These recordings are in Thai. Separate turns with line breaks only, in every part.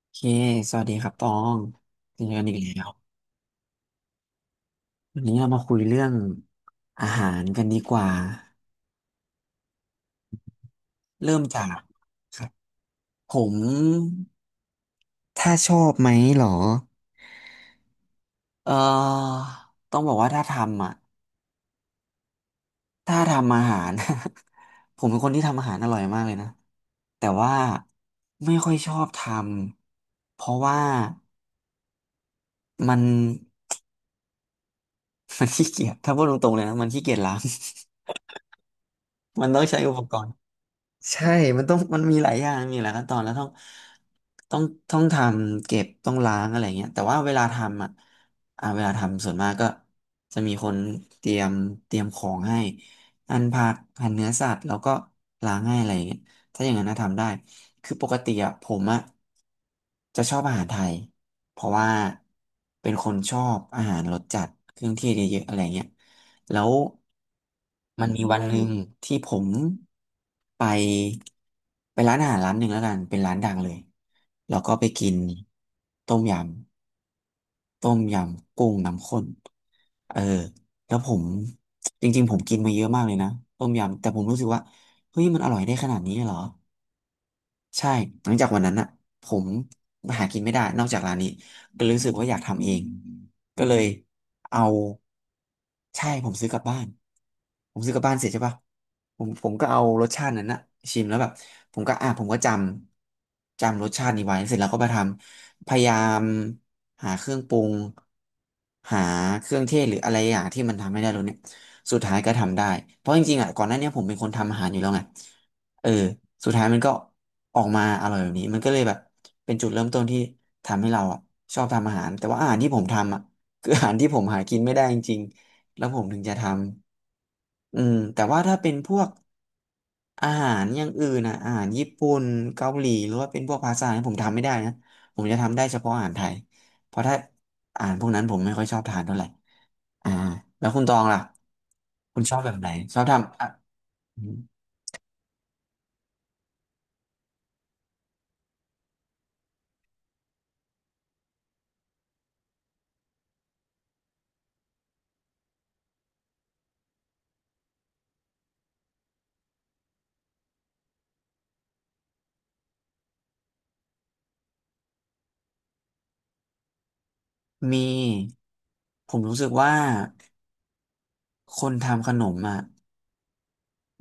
โอเคสวัสดีครับตองเจอกันอีกแล้ววันนี้เรามาคุยเรื่องอาหารกันดีกว่าเริ่มจากครับผมถ้าชอบไหมเหรอเอ่อต้องบอกว่าถ้าทำอ่ะถ้าทำอาหาร ผมเป็นคนที่ทำอาหารอร่อยมากเลยนะแต่ว่าไม่ค่อยชอบทำ เพราะว่ามัน มันขี้เกียจถ้าพูดตรงๆเลยนะมันขี้เกียจล้าง มันต้องใช้อุปกรณ์ ใช่ มันต้องมันมีหลายอย่างมีหลายขั้นตอนแล้วต้องต้องต้องทำเก็บต้องล้างอะไรเงี้ยแต่ว่าเวลาทำอ่ะเวลาทำส่วนมากก็จะมีคนเตรียมเตรียมของให้หั่นผักหั่นเนื้อสัตว์แล้วก็ล้างให้อะไรเงี้ยถ้าอย่างนั้นนะทำได้คือปกติอ่ะผมอ่ะจะชอบอาหารไทยเพราะว่าเป็นคนชอบอาหารรสจัดเครื่องเทศเยอะๆอะไรเงี้ย แล้วมันมีวันหนึ่งที่ผมไปร้านอาหารร้านหนึ่งแล้วกันเป็นร้านดังเลยแล้วก็ไปกินต้มยต้มยำกุ้งน้ำข้นเออแล้วผมจริงๆผมกินมาเยอะมากเลยนะต้มยำแต่ผมรู้สึกว่าเฮ้ยมันอร่อยได้ขนาดนี้เลยเหรอ ใช่หลังจากวันนั้นอ่ะผมหากินไม่ได้นอกจากร้านนี้ก็รู้สึกว่าอยากทำเองก็เลยเอาใช่ผมซื้อกลับบ้าน ผมซื้อกลับบ้านเสร็จใช่ปะผมก็เอารสชาตินั้นอะชิมแล้วแบบผมก็อ่ะผมก็จำรสชาตินี้ไว้เสร็จแล้วก็มาทำพยายามหาเครื่องปรุงหาเครื่องเทศหรืออะไรอย่างที่มันทำไม่ได้รสเนี่ยสุดท้ายก็ทำได้เพราะจริงๆอ่ะก่อนหน้าเนี้ยผมเป็นคนทำอาหารอยู่แล้วไง เออสุดท้ายมันก็ออกมาอร่อยแบบนี้มันก็เลยแบบเป็นจุดเริ่มต้นที่ทำให้เราอ่ะชอบทำอาหารแต่ว่าอาหารที่ผมทำอ่ะ คืออาหารที่ผมหากินไม่ได้จริงๆแล้วผมถึงจะทำอืมแต่ว่าถ้าเป็นพวกอาหารอย่างอื่นนะอาหารญี่ปุ่นเกาหลีหรือว่าเป็นพวกพาสต้าเนี่ยผมทำไม่ได้นะผมจะทำได้เฉพาะอาหารไทยเพราะถ้าอาหารพวกนั้นผมไม่ค่อยชอบทานเท่าไหร่อ่าแล้วคุณตองล่ะคุณชอบแบบไหนชอบทำอ่ะ มีผมรู้สึกว่าคนทำขนมอ่ะ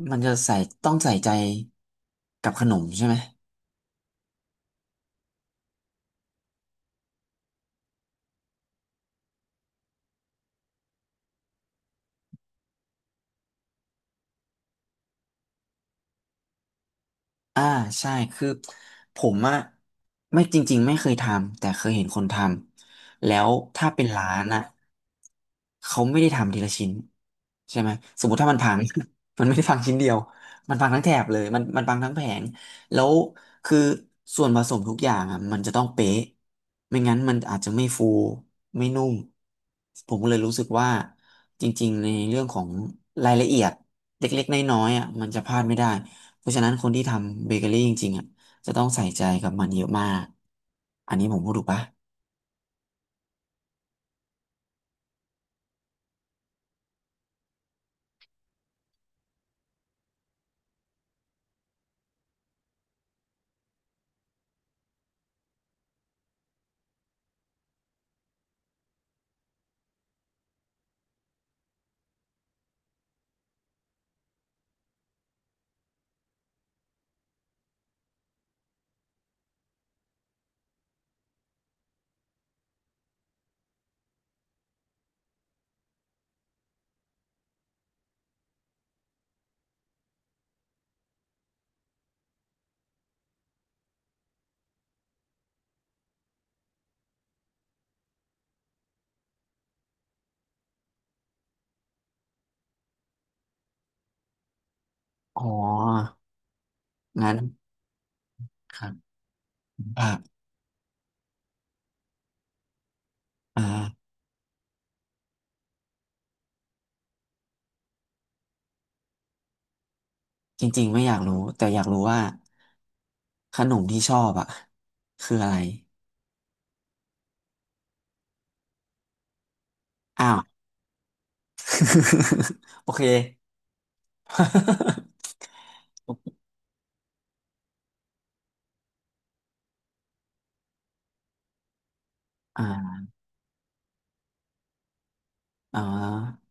มันจะใส่ต้องใส่ใจกับขนมใช่ไหมอ่าใช่คือผมอ่ะไม่จริงๆไม่เคยทำแต่เคยเห็นคนทำแล้วถ้าเป็นร้านอ่ะเขาไม่ได้ทำทีละชิ้นใช่ไหมสมมติถ้ามันพัง มันไม่ได้พังชิ้นเดียวมันพังทั้งแถบเลยมันพังทั้งแผง แล้วคือส่วนผสมทุกอย่างอ่ะมันจะต้องเป๊ะไม่งั้นมันอาจจะไม่ฟูไม่นุ่มผมก็เลยรู้สึกว่าจริงๆในเรื่องของรายละเอียดเล็กๆน้อยๆอ่ะมันจะพลาดไม่ได้เพราะฉะนั้นคนที่ทำเบเกอรี่จริงๆอ่ะจะต้องใส่ใจกับมันเยอะมากอันนี้ผมพูดถูกปะอ๋องั้นครับอ่ะอ่าจริงๆไม่อยากรู้แต่อยากรู้ว่าขนมที่ชอบอ่ะคืออะไรอ้าว โอเค อ่าอ่า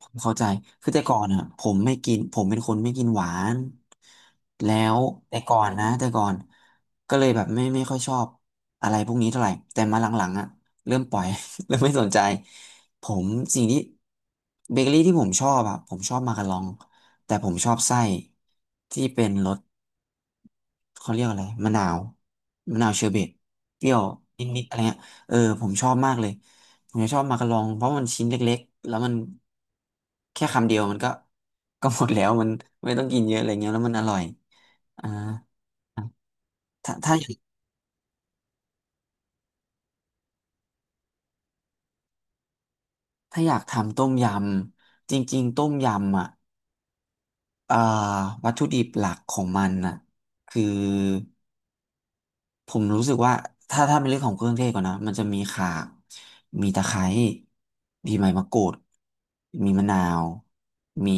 ผมเข้าใจคือแต่ก่อนอ่ะผมไม่กินผมเป็นคนไม่กินหวานแล้วแต่ก่อนนะแต่ก่อนก็เลยแบบไม่ค่อยชอบอะไรพวกนี้เท่าไหร่ แต่มาหลังๆอ่ะเริ่มปล่อย เริ่มไม่สนใจผมสิ่งที่เบเกอรี่ที่ผมชอบอ่ะผมชอบมาการอง แต่ผมชอบไส้ที่เป็นรส เขาเรียกอะไรมะนาวเชอร์เบตเปรี้ยวนิดๆอะไรเงี้ยเออผมชอบมากเลยผมจะชอบมากะลองเพราะมันชิ้นเล็กๆแล้วมันแค่คำเดียวมันก็ ก็หมดแล้วมันไม่ต้องกินเยอะอะไรเงี้ยแล้วมันอร่อยอ่าถ้าถ้าอยากทำต้มยำจริงๆต้มยำอ่ะเอ่อวัตถุดิบหลักของมันน่ะคือ ผมรู้สึกว่าถ้าเป็นเรื่องของเครื่องเทศก่อนนะมันจะมีข่ามีตะไคร้มีใบมะกรูดมีมะนาว มี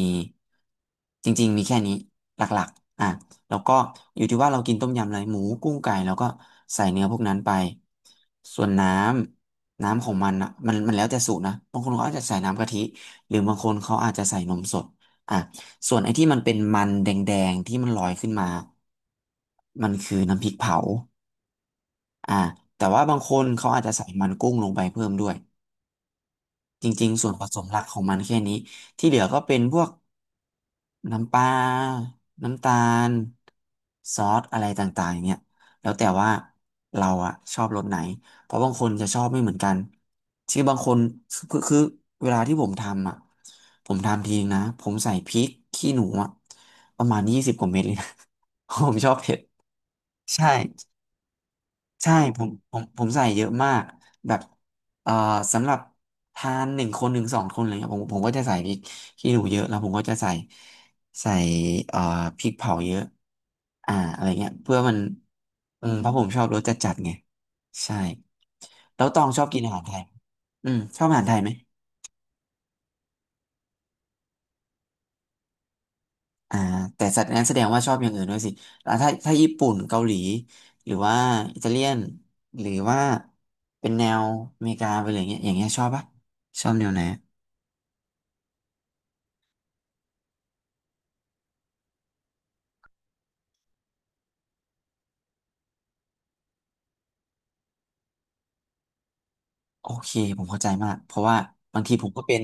จริงๆมีแค่นี้หลักๆอ่ะแล้วก็อยู่ที่ว่าเรากินต้มยำอะไรหมูกุ้งไก่แล้วก็ใส่เนื้อพวกนั้นไปส่วนน้ำของมันอ่ะมันแล้วแต่สูตรนะบางคนเขาอาจจะใส่น้ำกะทิหรือบางคนเขาอาจจะใส่นมสดอ่ะส่วนไอ้ที่มันเป็นมันแดงๆที่มันลอยขึ้นมามันคือน้ำพริกเผา อ่าแต่ว่าบางคนเขาอาจจะใส่มันกุ้งลงไปเพิ่มด้วยจริงๆส่วนผสมหลักของมันแค่นี้ที่เหลือก็เป็นพวกน้ำปลาน้ำตาลซอสอะไรต่างๆเนี่ยแล้วแต่ว่าเราอะชอบรสไหนเพราะบางคนจะชอบไม่เหมือนกันคือบางคนคือเวลาที่ผมทำอะผมทำทีนะผมใส่พริกขี้หนูอะประมาณยี่สิบกว่าเม็ดเลยนะ ผมชอบเผ็ดใช่ ใช่ผมใส่เยอะมากแบบเอ่อสำหรับทานหนึ่งคนหนึ่งสองคนอะไรเงี้ยผมก็จะใส่พริกขี้หนูเยอะแล้วผมก็จะใส่ใส่เอ่อพริกเผาเยอะอะไรเงี้ยเพื่อมันเพราะผมชอบรสจัดจัดไงใช่แล้วตองชอบกินอาหารไทยอืมชอบอาหารไทยไหม อ่าแต่สัตว์นั้นแสดงว่าชอบอย่างอื่นด้วยสิแล้วถ้าญี่ปุ่นเกาหลีหรือว่าอิตาเลียนหรือว่าเป็นแนวอเมริกาไปเลยอย่างเงี้ยอย่างเงี้ยชอบปะชอบแนวไหนโอเคผมเข้าใจมากเพราะว่าบางทีผมก็เป็น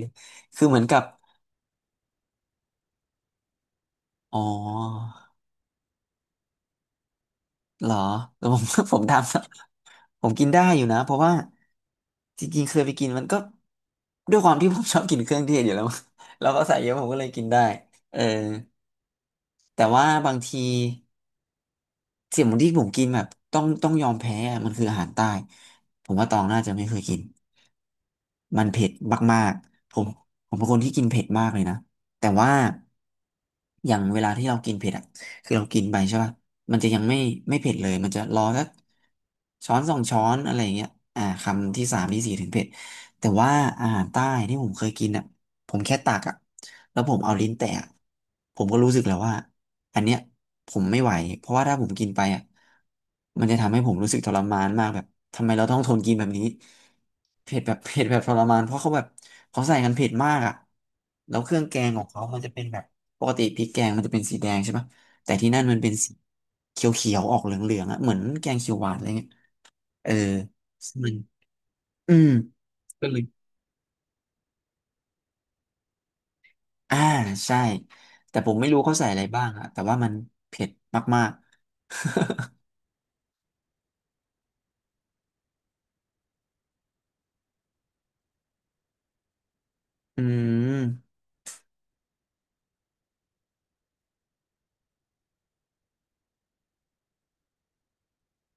คือเหมือนกับอ๋อเหรอแล้วผม ผมทผมกินได้อยู่นะเพราะว่าจริงๆเคยไปกินมันก็ด้วยความที่ผมชอบกินเครื่องเทศอยู่แล้ว แล้วก็ใส่เยอะผมก็เลยกินได้เออแต่ว่าบางที เสี่ยหมูที่ผมกินแบบต้องยอมแพ้อะมันคืออาหารใต้ ผมว่าตองน่าจะไม่เคยกิน มันเผ็ดมากๆผมผมเป็นคนที่กินเผ็ดมากเลยนะ แต่ว่าอย่างเวลาที่เรากินเผ็ดอ่ะคือเรากินไปใช่ป่ะมันจะยังไม่เผ็ดเลย มันจะรอสักช้อนสองช้อนอะไรอย่างเงี้ยอ่าคำที่สามที่สี่ถึงเผ็ดแต่ว่าอาหารใต้ที่ผมเคยกินอ่ะผมแค่ตักอ่ะแล้วผมเอาลิ้นแตะอะผมก็รู้สึกแล้วว่าอันเนี้ยผมไม่ไหวเพราะว่าถ้าผมกินไปอ่ะมันจะทำให้ผมรู้สึกทรมานมากแบบทำไมเราต้องทนกินแบบนี้ เผ็ดแบบ เผ็ดแบบทรมานเพราะเขาแบบเขาใส่กันเผ็ดมากอ่ะแล้วเครื่องแกงของเขามันจะเป็นแบบปกติพริกแกงมันจะเป็นสีแดงใช่ปะแต่ที่นั่นมันเป็นสีเขียวๆออกเหลืองๆอ่ะเหมือนแกงเขียวหวานอะไรเงี้ยเออซึ่งมันอืมก็เลยอ่าใช่แต่ผมไม่รู้เขาใส่อะไรบ้างอ่ะแต่ว่ามันเผ็ดมากๆ อืม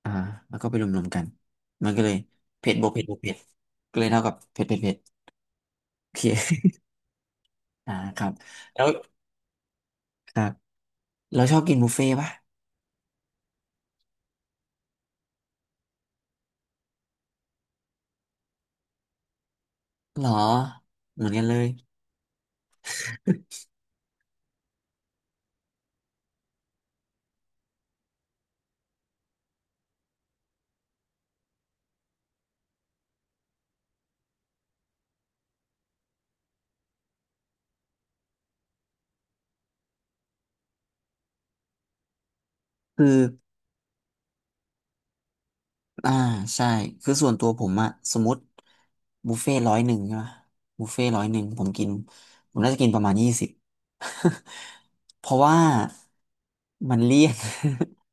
อ่าแล้วก็ไปรวมๆกันมันก็เลยเผ็ดบวกเผ็ดบวกเผ็ดก็เลยเท่ากับเผ็ดเผ็ดเผ็ดโอเค อ่าครับแล้วครับ เราชอบกินบุฟเฟ่ต์ป่ะหรอ เหมือนกันเลยคือ อ่าใช่คือส่วนตัวผมอะสมมติบุฟเฟ่ร้อยหนึ่งใช่ปะบุฟเฟ่ร้อยหนึ่งผมน่าจะกินประมาณยี่สิบ เพราะว่ามันเลี่ยน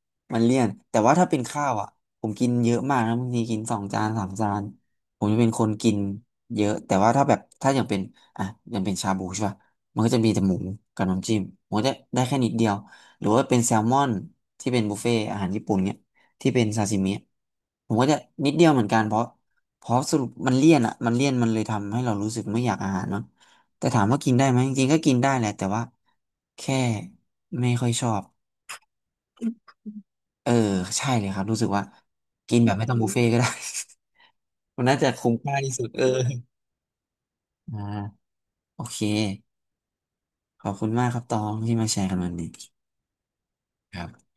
มันเลี่ยนแต่ว่าถ้าเป็นข้าวอะผมกินเยอะมากนะบางทีกินสองจานสามจานผมจะเป็นคนกินเยอะแต่ว่าถ้าแบบถ้าอย่างเป็นอ่ะอย่างเป็นชาบูใช่ปะมันก็จะมีแต่หมูกับน้ำจิ้มผมก็จะได้แค่นิดเดียวหรือว่าเป็นแซลมอนที่เป็นบุฟเฟ่อาหารญี่ปุ่นเนี่ย ที่เป็นซาซิมิผมก็จะนิดเดียวเหมือนกันเพราะสรุปมันเลี่ยนอ่ะมันเลี่ยนมันเลยทำให้เรารู้สึกไม่อยากอาหารเนาะแต่ถามว่ากินได้ไหมจริงๆก็กินได้แหละแต่ว่าแค่ไม่ค่อยชอบเออใช่เลยครับรู้สึกว่ากินแบบไม่ต้องบุฟเฟ่ต์ก็ได้ มันน่าจะคุ้มค่าที่สุดเอออ่าโอเคขอบคุณมากครับตองที่มาแชร์กันวันนี้ครับ